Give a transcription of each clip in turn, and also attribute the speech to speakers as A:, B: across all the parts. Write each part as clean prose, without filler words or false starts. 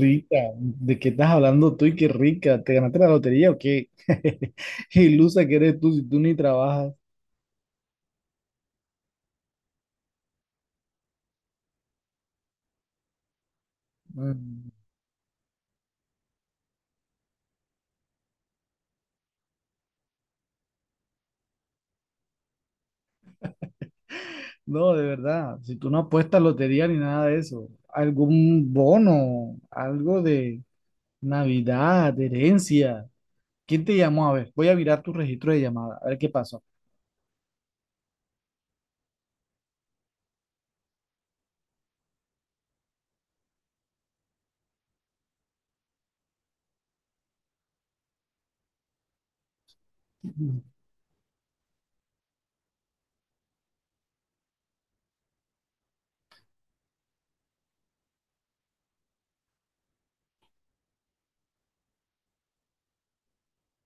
A: Rica, ¿de qué estás hablando tú y qué rica? ¿Te ganaste la lotería o qué? Ilusa que eres tú si tú ni trabajas. Mm. No, de verdad, si tú no apuestas lotería ni nada de eso, algún bono, algo de Navidad, de herencia. ¿Quién te llamó? A ver, voy a mirar tu registro de llamada, a ver qué pasó. Mm,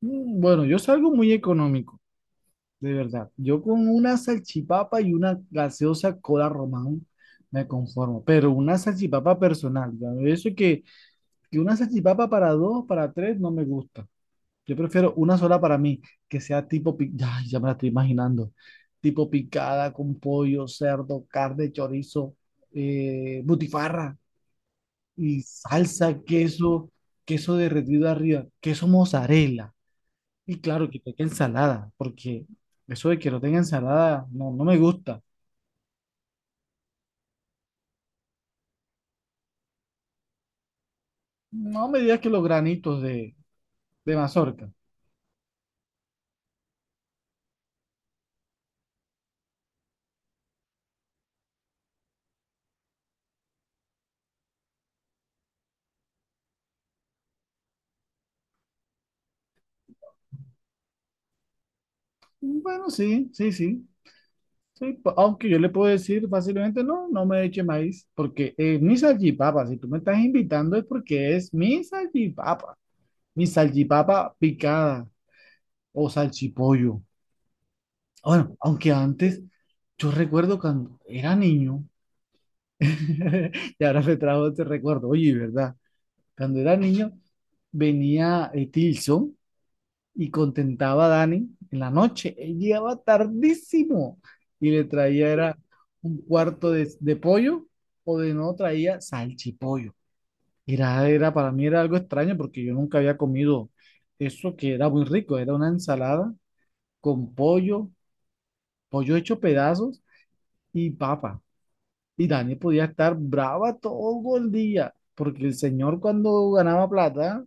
A: Bueno, yo salgo muy económico, de verdad. Yo con una salchipapa y una gaseosa cola Román me conformo, pero una salchipapa personal, ya, eso que una salchipapa para dos, para tres, no me gusta. Yo prefiero una sola para mí, que sea tipo, ay, ya me la estoy imaginando, tipo picada con pollo, cerdo, carne, chorizo, butifarra y salsa, queso, queso derretido arriba, queso mozzarella. Y claro, que tenga ensalada, porque eso de que no tenga ensalada no, no me gusta. No me digas que los granitos de mazorca. Bueno, sí, sí, sí, sí. Aunque yo le puedo decir fácilmente, no, no me eche maíz, porque es mi salchipapa. Si tú me estás invitando es porque es mi salchipapa. Mi salchipapa picada o salchipollo. Bueno, aunque antes yo recuerdo cuando era niño, y ahora me trajo este recuerdo. Oye, ¿verdad? Cuando era niño, venía Tilson y contentaba a Dani en la noche. Él llegaba tardísimo y le traía era un cuarto de pollo o de no traía salchipollo. Para mí era algo extraño porque yo nunca había comido eso que era muy rico. Era una ensalada con pollo, pollo hecho pedazos y papa. Y Dani podía estar brava todo el día porque el señor cuando ganaba plata.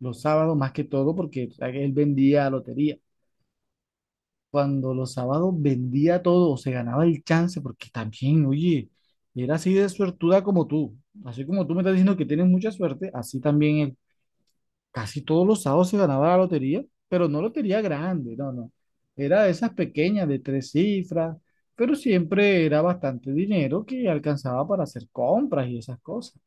A: Los sábados más que todo, porque o sea, que él vendía lotería. Cuando los sábados vendía todo, se ganaba el chance porque también, oye, era así de suertuda como tú. Así como tú me estás diciendo que tienes mucha suerte, así también él. Casi todos los sábados se ganaba la lotería, pero no lotería grande, no, no. Era de esas pequeñas de tres cifras, pero siempre era bastante dinero que alcanzaba para hacer compras y esas cosas.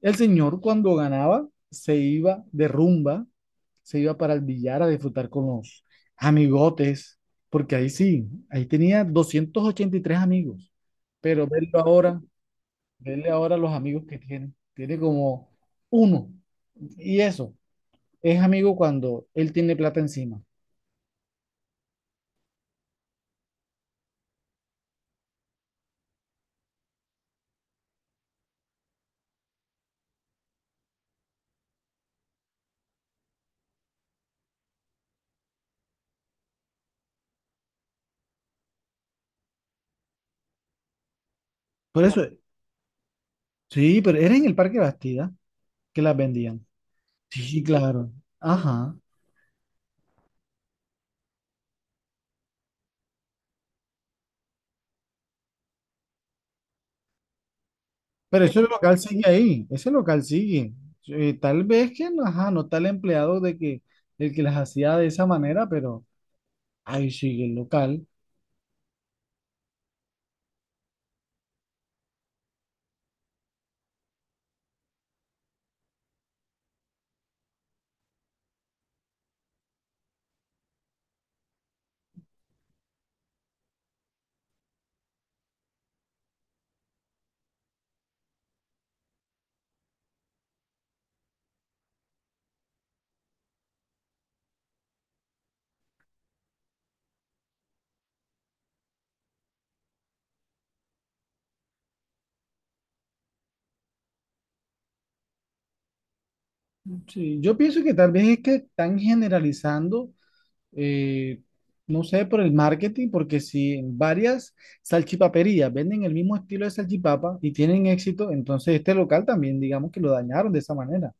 A: El señor cuando ganaba se iba de rumba, se iba para el billar a disfrutar con los amigotes, porque ahí sí, ahí tenía 283 amigos, pero verlo ahora, verle ahora los amigos que tiene, tiene como uno, y eso, es amigo cuando él tiene plata encima. Por eso, sí, pero era en el Parque Bastida que las vendían. Sí, claro. Ajá. Pero ese local sigue ahí, ese local sigue. Tal vez que no, ajá, no está el empleado de que, el que las hacía de esa manera, pero ahí sigue el local. Sí, yo pienso que tal vez es que están generalizando, eh, no sé, por el marketing, porque si en varias salchipaperías venden el mismo estilo de salchipapa y tienen éxito, entonces este local también, digamos que lo dañaron de esa manera.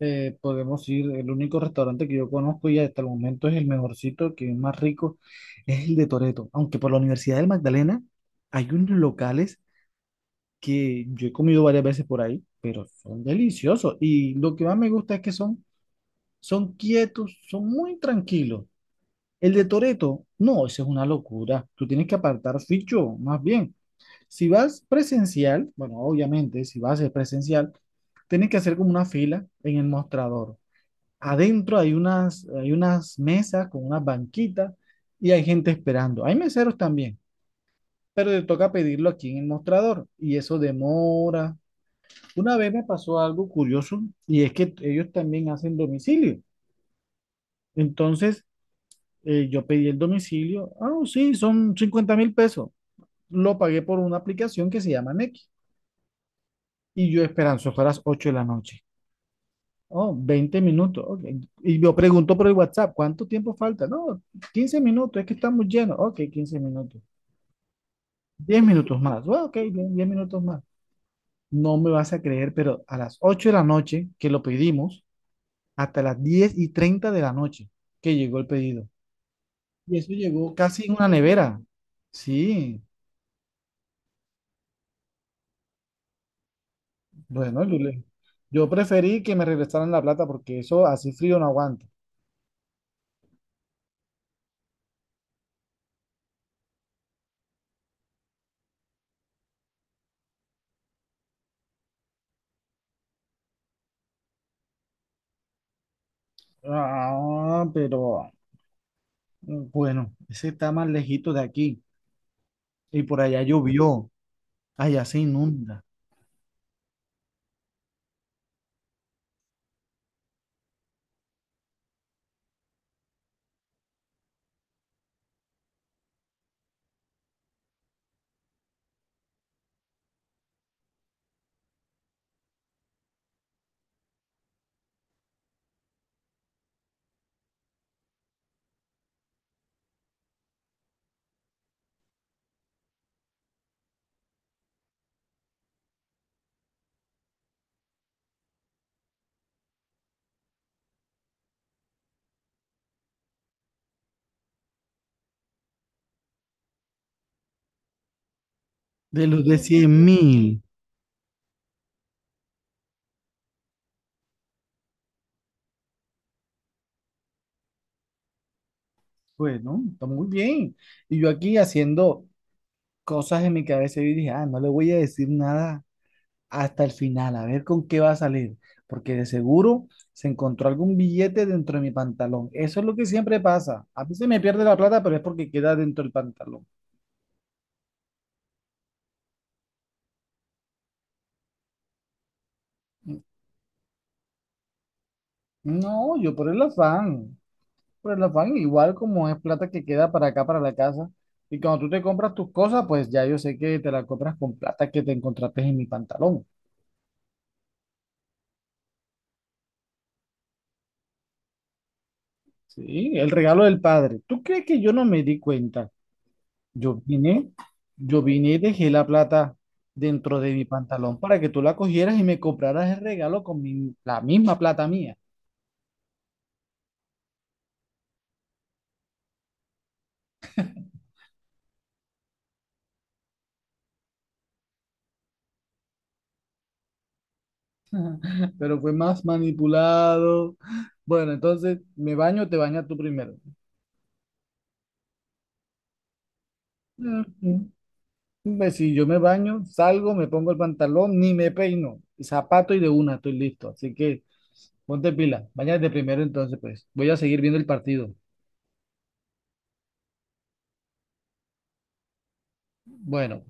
A: Podemos ir, el único restaurante que yo conozco y hasta el momento es el mejorcito, que es más rico, es el de Toreto. Aunque por la Universidad del Magdalena hay unos locales que yo he comido varias veces por ahí, son deliciosos. Y lo que más me gusta es que son quietos, son muy tranquilos. El de Toreto, no, eso es una locura. Tú tienes que apartar ficho, más bien. Si vas presencial, bueno, obviamente, si vas a ser presencial, tienes que hacer como una fila en el mostrador. Adentro hay unas mesas con unas banquitas y hay gente esperando. Hay meseros también, pero te toca pedirlo aquí en el mostrador y eso demora. Una vez me pasó algo curioso y es que ellos también hacen domicilio. Entonces yo pedí el domicilio. Ah, oh, sí, son $50.000. Lo pagué por una aplicación que se llama Nequi y yo esperando, eso fue a las 8 de la noche. Oh, 20 minutos. Ok. Y yo pregunto por el WhatsApp, ¿cuánto tiempo falta? No, 15 minutos, es que estamos llenos. Ok, 15 minutos. 10 minutos más. Bueno, ok, bien, 10 minutos más. No me vas a creer, pero a las 8 de la noche que lo pedimos, hasta las 10:30 de la noche que llegó el pedido. Y eso llegó casi en una nevera. Sí, bueno, Lule, yo preferí que me regresaran la plata porque eso así frío no aguanta. Ah, pero bueno, ese está más lejito de aquí. Y por allá llovió, allá se inunda, de los de 100.000. Bueno, está muy bien. Y yo aquí haciendo cosas en mi cabeza y dije, ah, no le voy a decir nada hasta el final, a ver con qué va a salir, porque de seguro se encontró algún billete dentro de mi pantalón. Eso es lo que siempre pasa. A mí se me pierde la plata, pero es porque queda dentro del pantalón. No, yo por el afán. Por el afán, igual como es plata que queda para acá, para la casa. Y cuando tú te compras tus cosas, pues ya yo sé que te la compras con plata que te encontraste en mi pantalón. Sí, el regalo del padre. ¿Tú crees que yo no me di cuenta? Yo vine, yo vine y dejé la plata dentro de mi pantalón para que tú la cogieras y me compraras el regalo con la misma plata mía. Pero fue más manipulado. Bueno, entonces me baño, te bañas tú primero. Pues, si yo me baño, salgo, me pongo el pantalón, ni me peino, zapato y de una estoy listo. Así que ponte pila, bañate primero entonces, pues. Voy a seguir viendo el partido. Bueno,